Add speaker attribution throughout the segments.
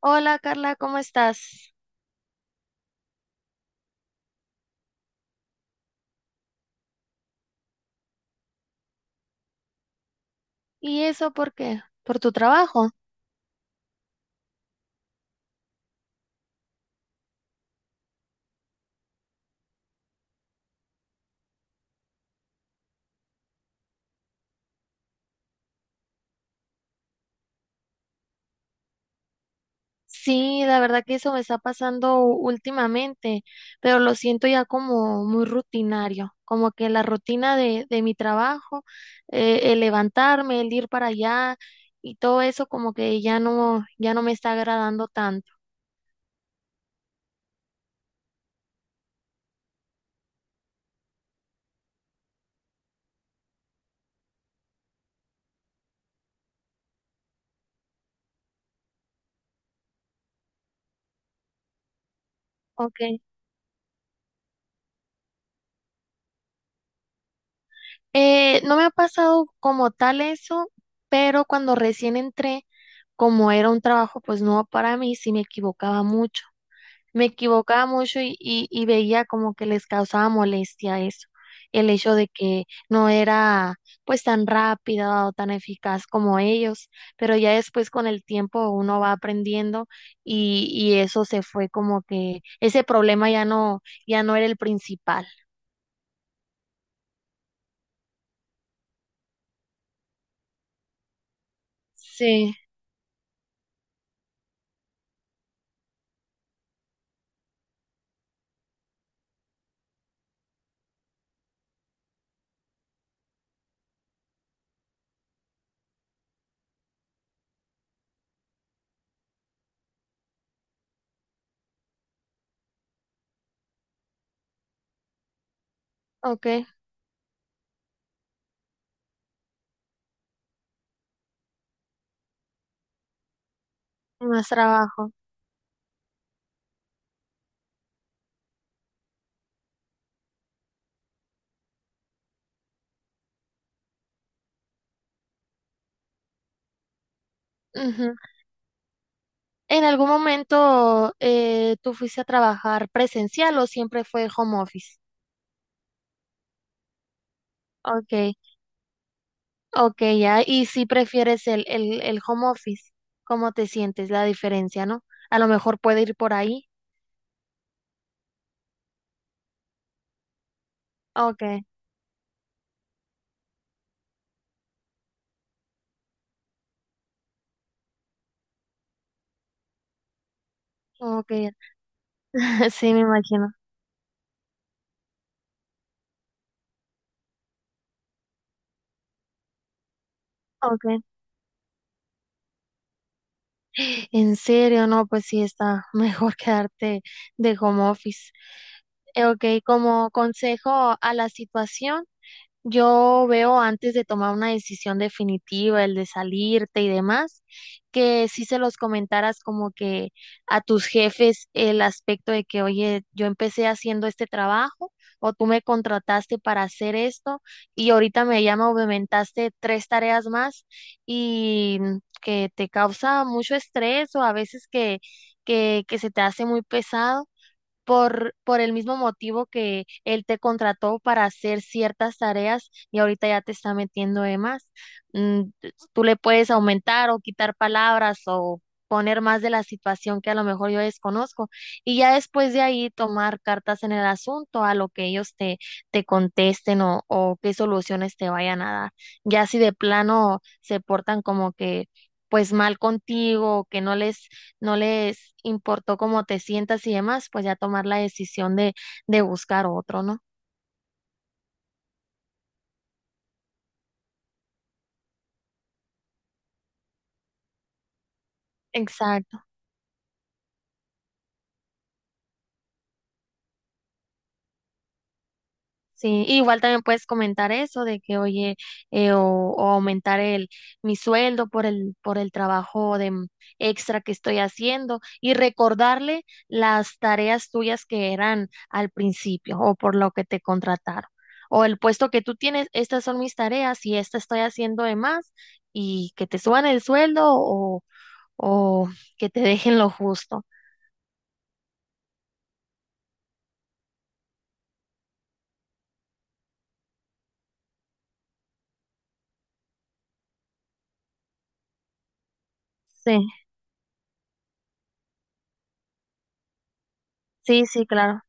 Speaker 1: Hola Carla, ¿cómo estás? ¿Y eso por qué? ¿Por tu trabajo? Sí, la verdad que eso me está pasando últimamente, pero lo siento ya como muy rutinario, como que la rutina de mi trabajo, el levantarme, el ir para allá y todo eso como que ya no, ya no me está agradando tanto. Ok. No me ha pasado como tal eso, pero cuando recién entré, como era un trabajo pues nuevo para mí, sí me equivocaba mucho. Me equivocaba mucho y veía como que les causaba molestia eso, el hecho de que no era pues tan rápida o tan eficaz como ellos, pero ya después con el tiempo uno va aprendiendo y eso se fue como que ese problema ya no, ya no era el principal. Sí, ok, más trabajo. Ujú. ¿En algún momento tú fuiste a trabajar presencial o siempre fue home office? Ok. Ok, ya. Y si prefieres el home office, ¿cómo te sientes? La diferencia, ¿no? A lo mejor puede ir por ahí. Ok, ok. Sí, me imagino. Ok. En serio, no, pues sí está mejor quedarte de home office. Ok, como consejo a la situación. Yo veo antes de tomar una decisión definitiva, el de salirte y demás, que si se los comentaras como que a tus jefes el aspecto de que, oye, yo empecé haciendo este trabajo o tú me contrataste para hacer esto y ahorita me llama o me aumentaste tres tareas más y mm, que te causa mucho estrés o a veces que, que se te hace muy pesado por el mismo motivo que él te contrató para hacer ciertas tareas y ahorita ya te está metiendo de más. Mm, tú le puedes aumentar o quitar palabras o poner más de la situación que a lo mejor yo desconozco y ya después de ahí tomar cartas en el asunto a lo que ellos te, te contesten o qué soluciones te vayan a dar. Ya si de plano se portan como que pues mal contigo, que no les no les importó cómo te sientas y demás, pues ya tomar la decisión de buscar otro, ¿no? Exacto. Sí, igual también puedes comentar eso de que, oye, o aumentar el mi sueldo por el trabajo de extra que estoy haciendo y recordarle las tareas tuyas que eran al principio o por lo que te contrataron o el puesto que tú tienes, estas son mis tareas y esta estoy haciendo de más y que te suban el sueldo o que te dejen lo justo. Sí, sí, sí, claro.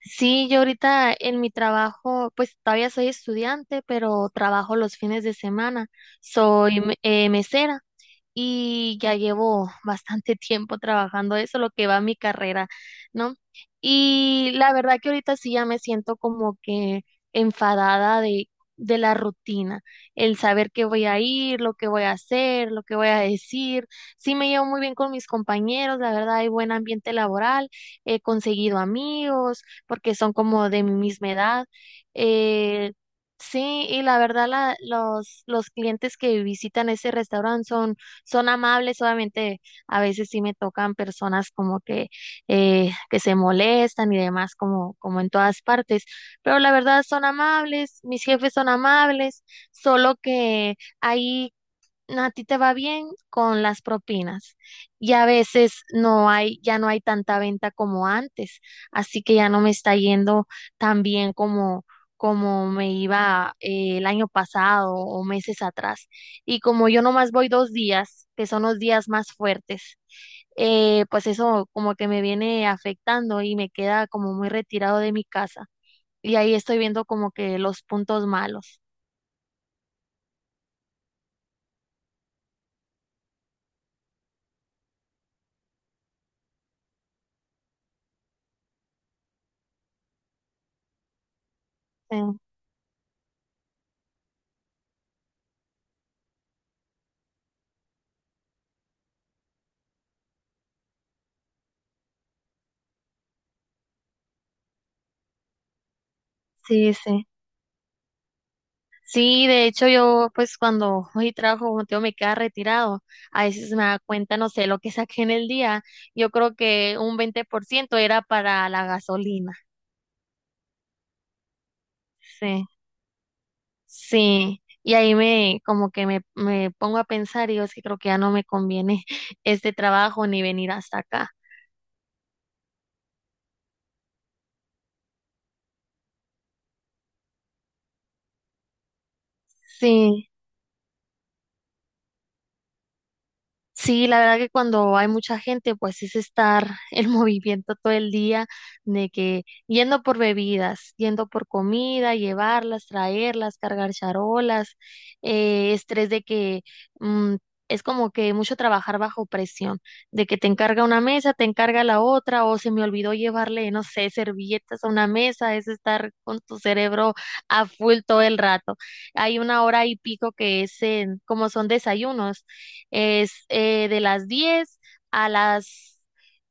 Speaker 1: Sí, yo ahorita en mi trabajo, pues todavía soy estudiante, pero trabajo los fines de semana. Soy mesera. Y ya llevo bastante tiempo trabajando eso, lo que va mi carrera, ¿no? Y la verdad que ahorita sí ya me siento como que enfadada de la rutina, el saber que voy a ir, lo que voy a hacer, lo que voy a decir. Sí me llevo muy bien con mis compañeros, la verdad hay buen ambiente laboral, he conseguido amigos porque son como de mi misma edad. Eh, Sí, y la verdad los clientes que visitan ese restaurante son son amables, obviamente a veces sí me tocan personas como que se molestan y demás, como, como en todas partes, pero la verdad son amables, mis jefes son amables, solo que hay no, a ti te va bien con las propinas y a veces no hay, ya no hay tanta venta como antes, así que ya no me está yendo tan bien como, como me iba el año pasado o meses atrás. Y como yo nomás voy dos días, que son los días más fuertes, pues eso como que me viene afectando y me queda como muy retirado de mi casa. Y ahí estoy viendo como que los puntos malos. Sí, sí, sí. Sí, de hecho yo pues cuando hoy trabajo como te digo me queda retirado, a veces me da cuenta, no sé, lo que saqué en el día, yo creo que un 20% era para la gasolina, sí, sí, y ahí me como que me pongo a pensar y yo es que creo que ya no me conviene este trabajo ni venir hasta acá, sí. Sí, la verdad que cuando hay mucha gente, pues es estar el movimiento todo el día, de que yendo por bebidas, yendo por comida, llevarlas, traerlas, cargar charolas, estrés de que mm, es como que mucho trabajar bajo presión, de que te encarga una mesa, te encarga la otra, o se me olvidó llevarle, no sé, servilletas a una mesa, es estar con tu cerebro a full todo el rato. Hay una hora y pico que es en, como son desayunos. Es de las 10 a las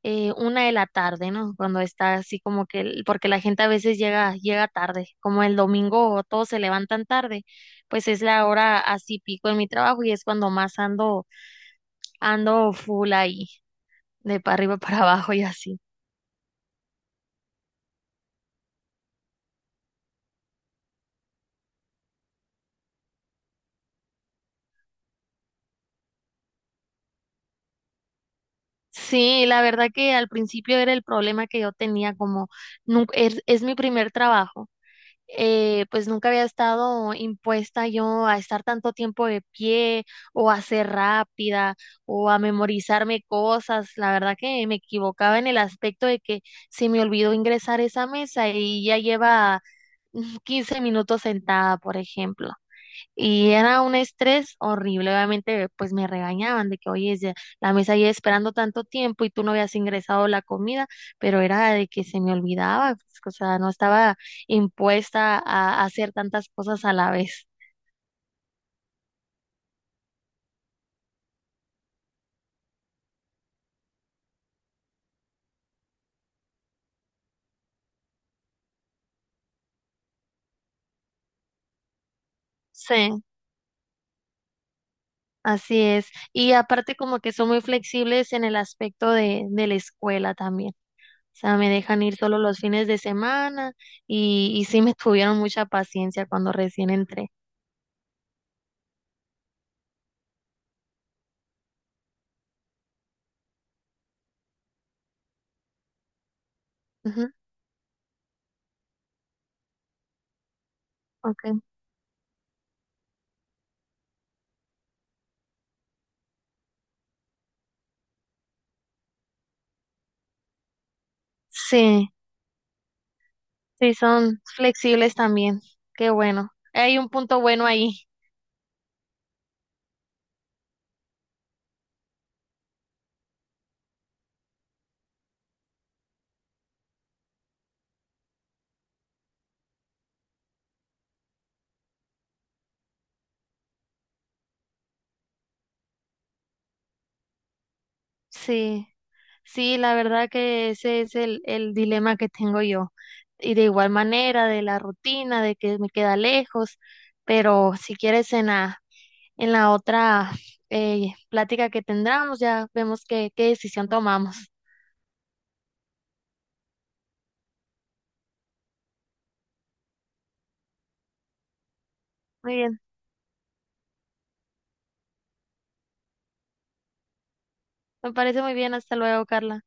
Speaker 1: una de la tarde, ¿no? Cuando está así como que, porque la gente a veces llega, llega tarde, como el domingo todos se levantan tarde, pues es la hora así pico en mi trabajo y es cuando más ando, ando full ahí, de para arriba para abajo y así. Sí, la verdad que al principio era el problema que yo tenía, como es mi primer trabajo pues nunca había estado impuesta yo a estar tanto tiempo de pie o a ser rápida o a memorizarme cosas. La verdad que me equivocaba en el aspecto de que se me olvidó ingresar esa mesa y ya lleva mm, 15 minutos sentada, por ejemplo. Y era un estrés horrible, obviamente, pues me regañaban de que, oye, ya- la mesa lleva esperando tanto tiempo y tú no habías ingresado la comida, pero era de que se me olvidaba, pues, o sea, no estaba impuesta a hacer tantas cosas a la vez. Sí, así es. Y aparte como que son muy flexibles en el aspecto de la escuela también. O sea, me dejan ir solo los fines de semana y sí me tuvieron mucha paciencia cuando recién entré. Ujú, ok. Sí. Sí, son flexibles también. Qué bueno. Hay un punto bueno ahí. Sí, sí, la verdad que ese es el dilema que tengo yo. Y de igual manera, de la rutina, de que me queda lejos, pero si quieres en la otra plática que tendremos, ya vemos qué, qué decisión tomamos. Muy bien, me parece muy bien. Hasta luego, Carla.